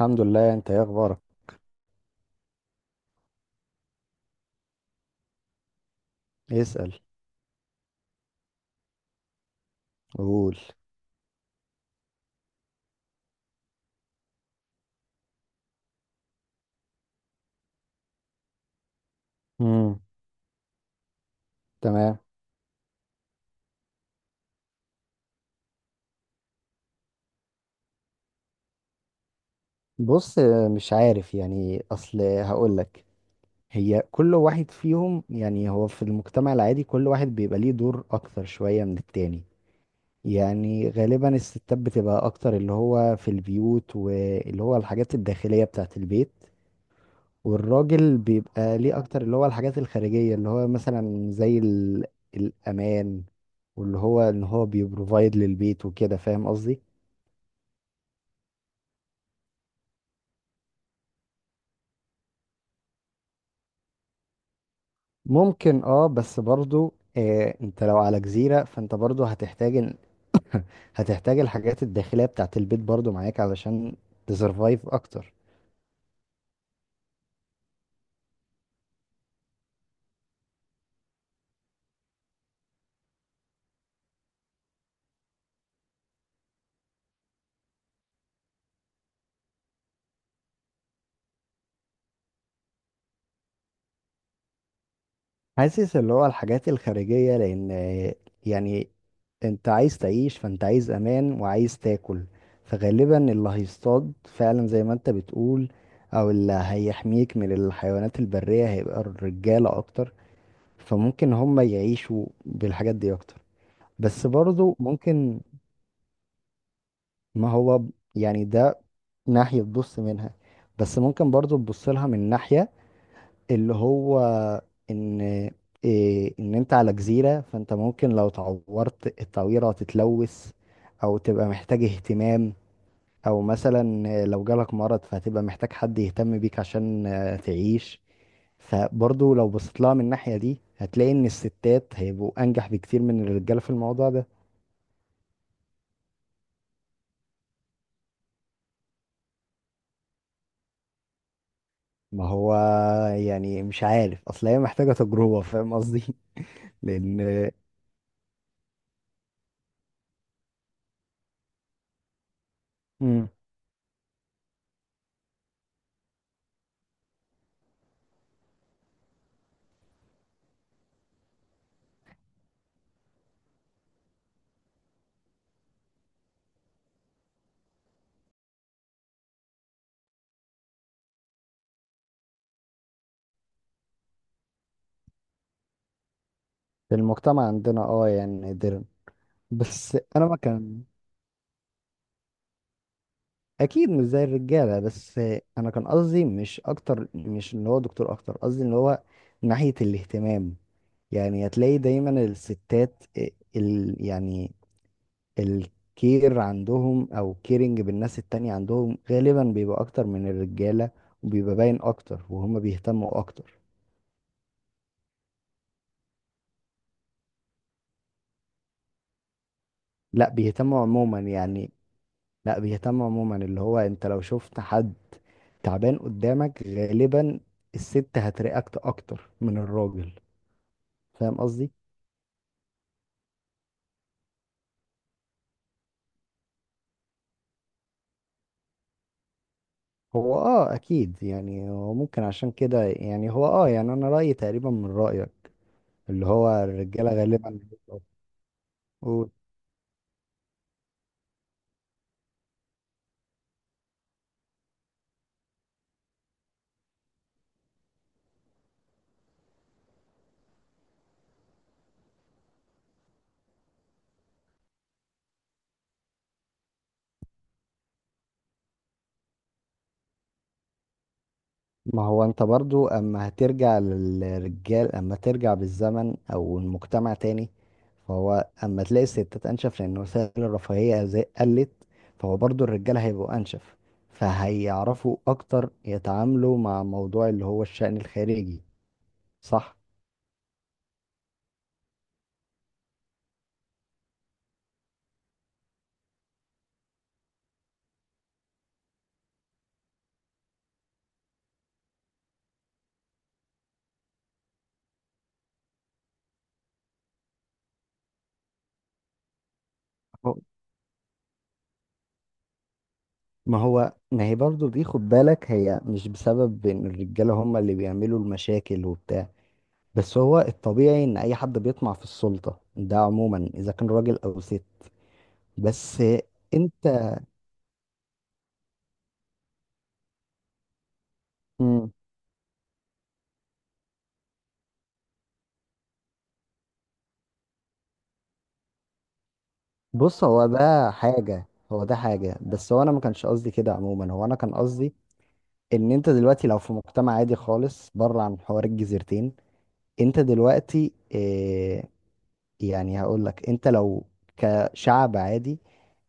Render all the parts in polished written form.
الحمد لله. انت ايه اخبارك؟ اسأل. قول. امم. تمام. بص، مش عارف، يعني اصل هقول لك. هي كل واحد فيهم، يعني هو في المجتمع العادي كل واحد بيبقى ليه دور اكتر شوية من التاني. يعني غالبا الستات بتبقى اكتر اللي هو في البيوت، واللي هو الحاجات الداخلية بتاعت البيت. والراجل بيبقى ليه اكتر اللي هو الحاجات الخارجية، اللي هو مثلا زي الامان. واللي هو ان هو بيبروفايد للبيت وكده، فاهم قصدي. ممكن اه، بس برضو آه، انت لو على جزيرة فانت برضو هتحتاج الحاجات الداخلية بتاعت البيت برضو معاك علشان تسرفايف اكتر. حاسس اللي هو الحاجات الخارجية، لان يعني انت عايز تعيش، فانت عايز امان وعايز تاكل. فغالبا اللي هيصطاد فعلا زي ما انت بتقول، او اللي هيحميك من الحيوانات البرية هيبقى الرجالة اكتر. فممكن هم يعيشوا بالحاجات دي اكتر. بس برضو ممكن. ما هو ب- يعني ده ناحية تبص منها، بس ممكن برضو تبص لها من ناحية اللي هو ان إيه، ان انت على جزيرة فانت ممكن لو تعورت التعويرة هتتلوث او تبقى محتاج اهتمام. او مثلا لو جالك مرض فهتبقى محتاج حد يهتم بيك عشان تعيش. فبرضو لو بصيت لها من الناحية دي هتلاقي ان الستات هيبقوا انجح بكتير من الرجالة في الموضوع ده. ما هو يعني مش عارف، اصل هي محتاجة تجربة، فاهم قصدي. لان امم، في المجتمع عندنا اه يعني نادرا. بس انا ما كان. اكيد مش زي الرجاله، بس انا كان قصدي مش اكتر، مش ان هو دكتور اكتر، قصدي ان هو من ناحيه الاهتمام. يعني هتلاقي دايما الستات ال يعني الكير عندهم او كيرنج بالناس التانية عندهم غالبا بيبقى اكتر من الرجاله، وبيبقى باين اكتر وهم بيهتموا اكتر. لا، بيهتموا عموما يعني. لا، بيهتم عموما. اللي هو انت لو شفت حد تعبان قدامك غالبا الست هترياكت اكتر من الراجل، فاهم قصدي. هو اه اكيد، يعني هو ممكن عشان كده يعني هو اه يعني انا رايي تقريبا من رايك، اللي هو الرجاله غالبا. قول. ما هو انت برضو، اما هترجع للرجال اما ترجع بالزمن او المجتمع تاني، فهو اما تلاقي الستات انشف لان وسائل الرفاهية قلت، فهو برضو الرجال هيبقوا انشف، فهيعرفوا اكتر يتعاملوا مع موضوع اللي هو الشأن الخارجي. صح. هو- ما هو ما هي برضو دي، خد بالك، هي مش بسبب ان الرجالة هم اللي بيعملوا المشاكل وبتاع. بس هو الطبيعي ان اي حد بيطمع في السلطة، ده عموما اذا كان راجل او ست. بس انت. امم. بص، هو ده حاجة، هو ده حاجة، بس هو انا ما كانش قصدي كده عموما، هو انا كان قصدي ان انت دلوقتي لو في مجتمع عادي خالص بره عن حوار الجزيرتين، انت دلوقتي اه يعني هقول لك انت لو كشعب عادي،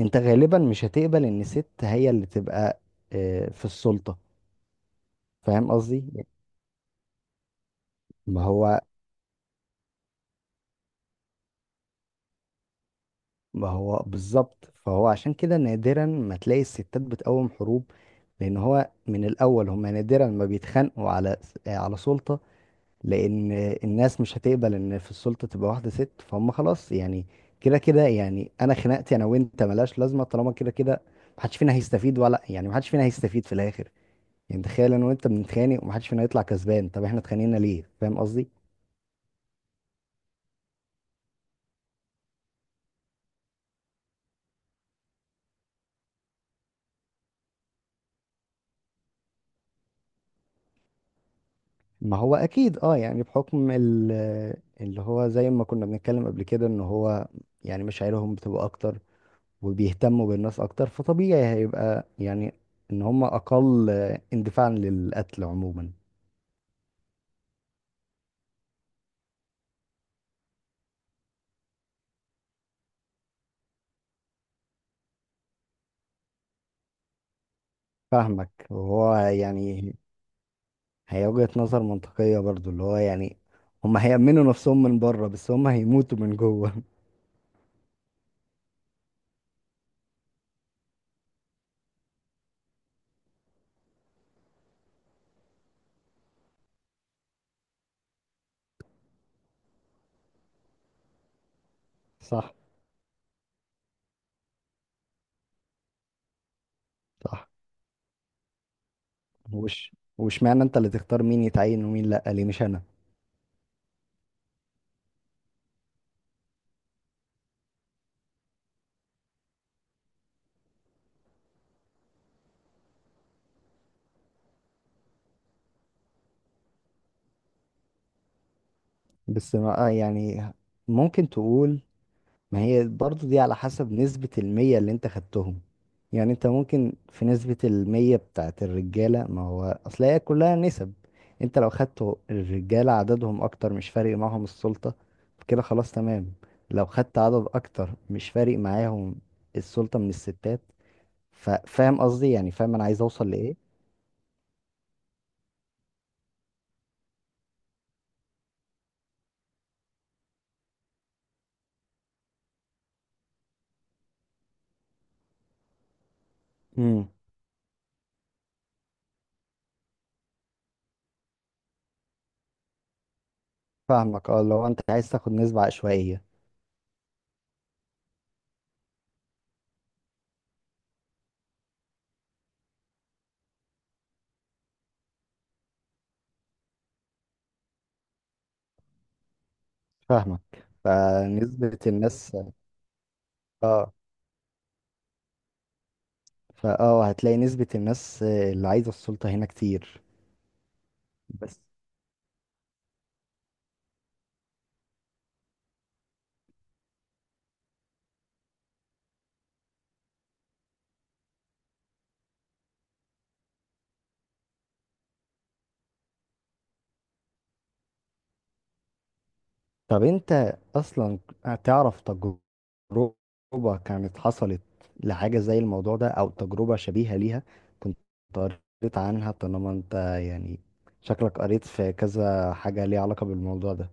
انت غالبا مش هتقبل ان ست هي اللي تبقى اه في السلطة. فاهم قصدي يعني. ما هو ما هو بالظبط، فهو عشان كده نادرا ما تلاقي الستات بتقوم حروب، لان هو من الاول هم نادرا ما بيتخانقوا على سلطة، لان الناس مش هتقبل ان في السلطة تبقى واحدة ست، فهم خلاص يعني كده كده. يعني انا خناقتي انا وانت ملهاش لازمة طالما كده كده محدش فينا هيستفيد، ولا يعني محدش فينا هيستفيد في الاخر. يعني تخيل انا وانت بنتخانق ومحدش فينا يطلع كسبان، طب احنا اتخانقنا ليه، فاهم قصدي. ما هو اكيد اه، يعني بحكم اللي هو زي ما كنا بنتكلم قبل كده ان هو يعني مشاعرهم بتبقى اكتر وبيهتموا بالناس اكتر، فطبيعي هيبقى يعني ان هم اقل اندفاعا للقتل عموما. فاهمك. وهو يعني هي وجهة نظر منطقية برضو، اللي هو يعني هم هيأمنوا نفسهم من بره بس هم هيموتوا من جوه. صح. صح. وش معنى انت اللي تختار مين يتعين ومين لا، ليه مش انا. بس يعني ممكن تقول ما هي برضو دي على حسب نسبة المية اللي انت خدتهم. يعني انت ممكن في نسبة المية بتاعت الرجالة، ما هو اصل هي كلها نسب. انت لو خدت الرجالة عددهم اكتر مش فارق معاهم السلطة، فكده خلاص تمام. لو خدت عدد اكتر مش فارق معاهم السلطة من الستات، ففاهم قصدي يعني، فاهم انا عايز اوصل لايه. امم. فاهمك، اه لو انت عايز تاخد نسبة عشوائية. فاهمك. فنسبة الناس. اه. فاه هتلاقي نسبة الناس اللي عايزة السلطة هنا كتير. بس. طب انت اصلا تعرف تجربة كانت حصلت لحاجة زي الموضوع ده، او تجربة شبيهة ليها، كنت قريت عنها؟ طالما انت يعني شكلك قريت في كذا حاجة ليها علاقة بالموضوع ده.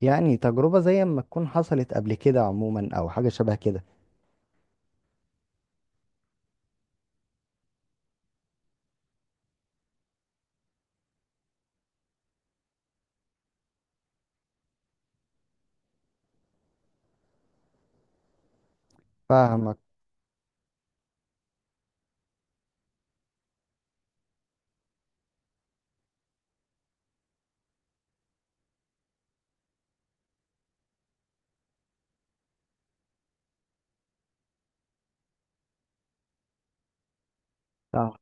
يعني تجربة زي ما تكون حصلت قبل كده عموما، او حاجة شبه كده. فاهمك. صح.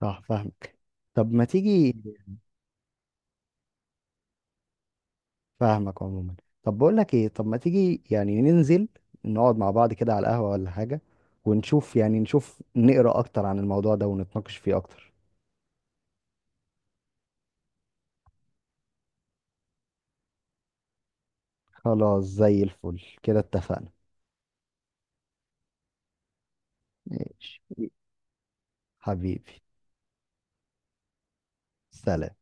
صح، فاهمك. طب ما تيجي، فاهمك عموما. طب بقول لك ايه، طب ما تيجي يعني ننزل نقعد مع بعض كده على القهوة ولا حاجة، ونشوف يعني نقرأ اكتر عن الموضوع ده ونتناقش فيه اكتر. خلاص زي الفل كده، اتفقنا. ماشي حبيبي. سلام.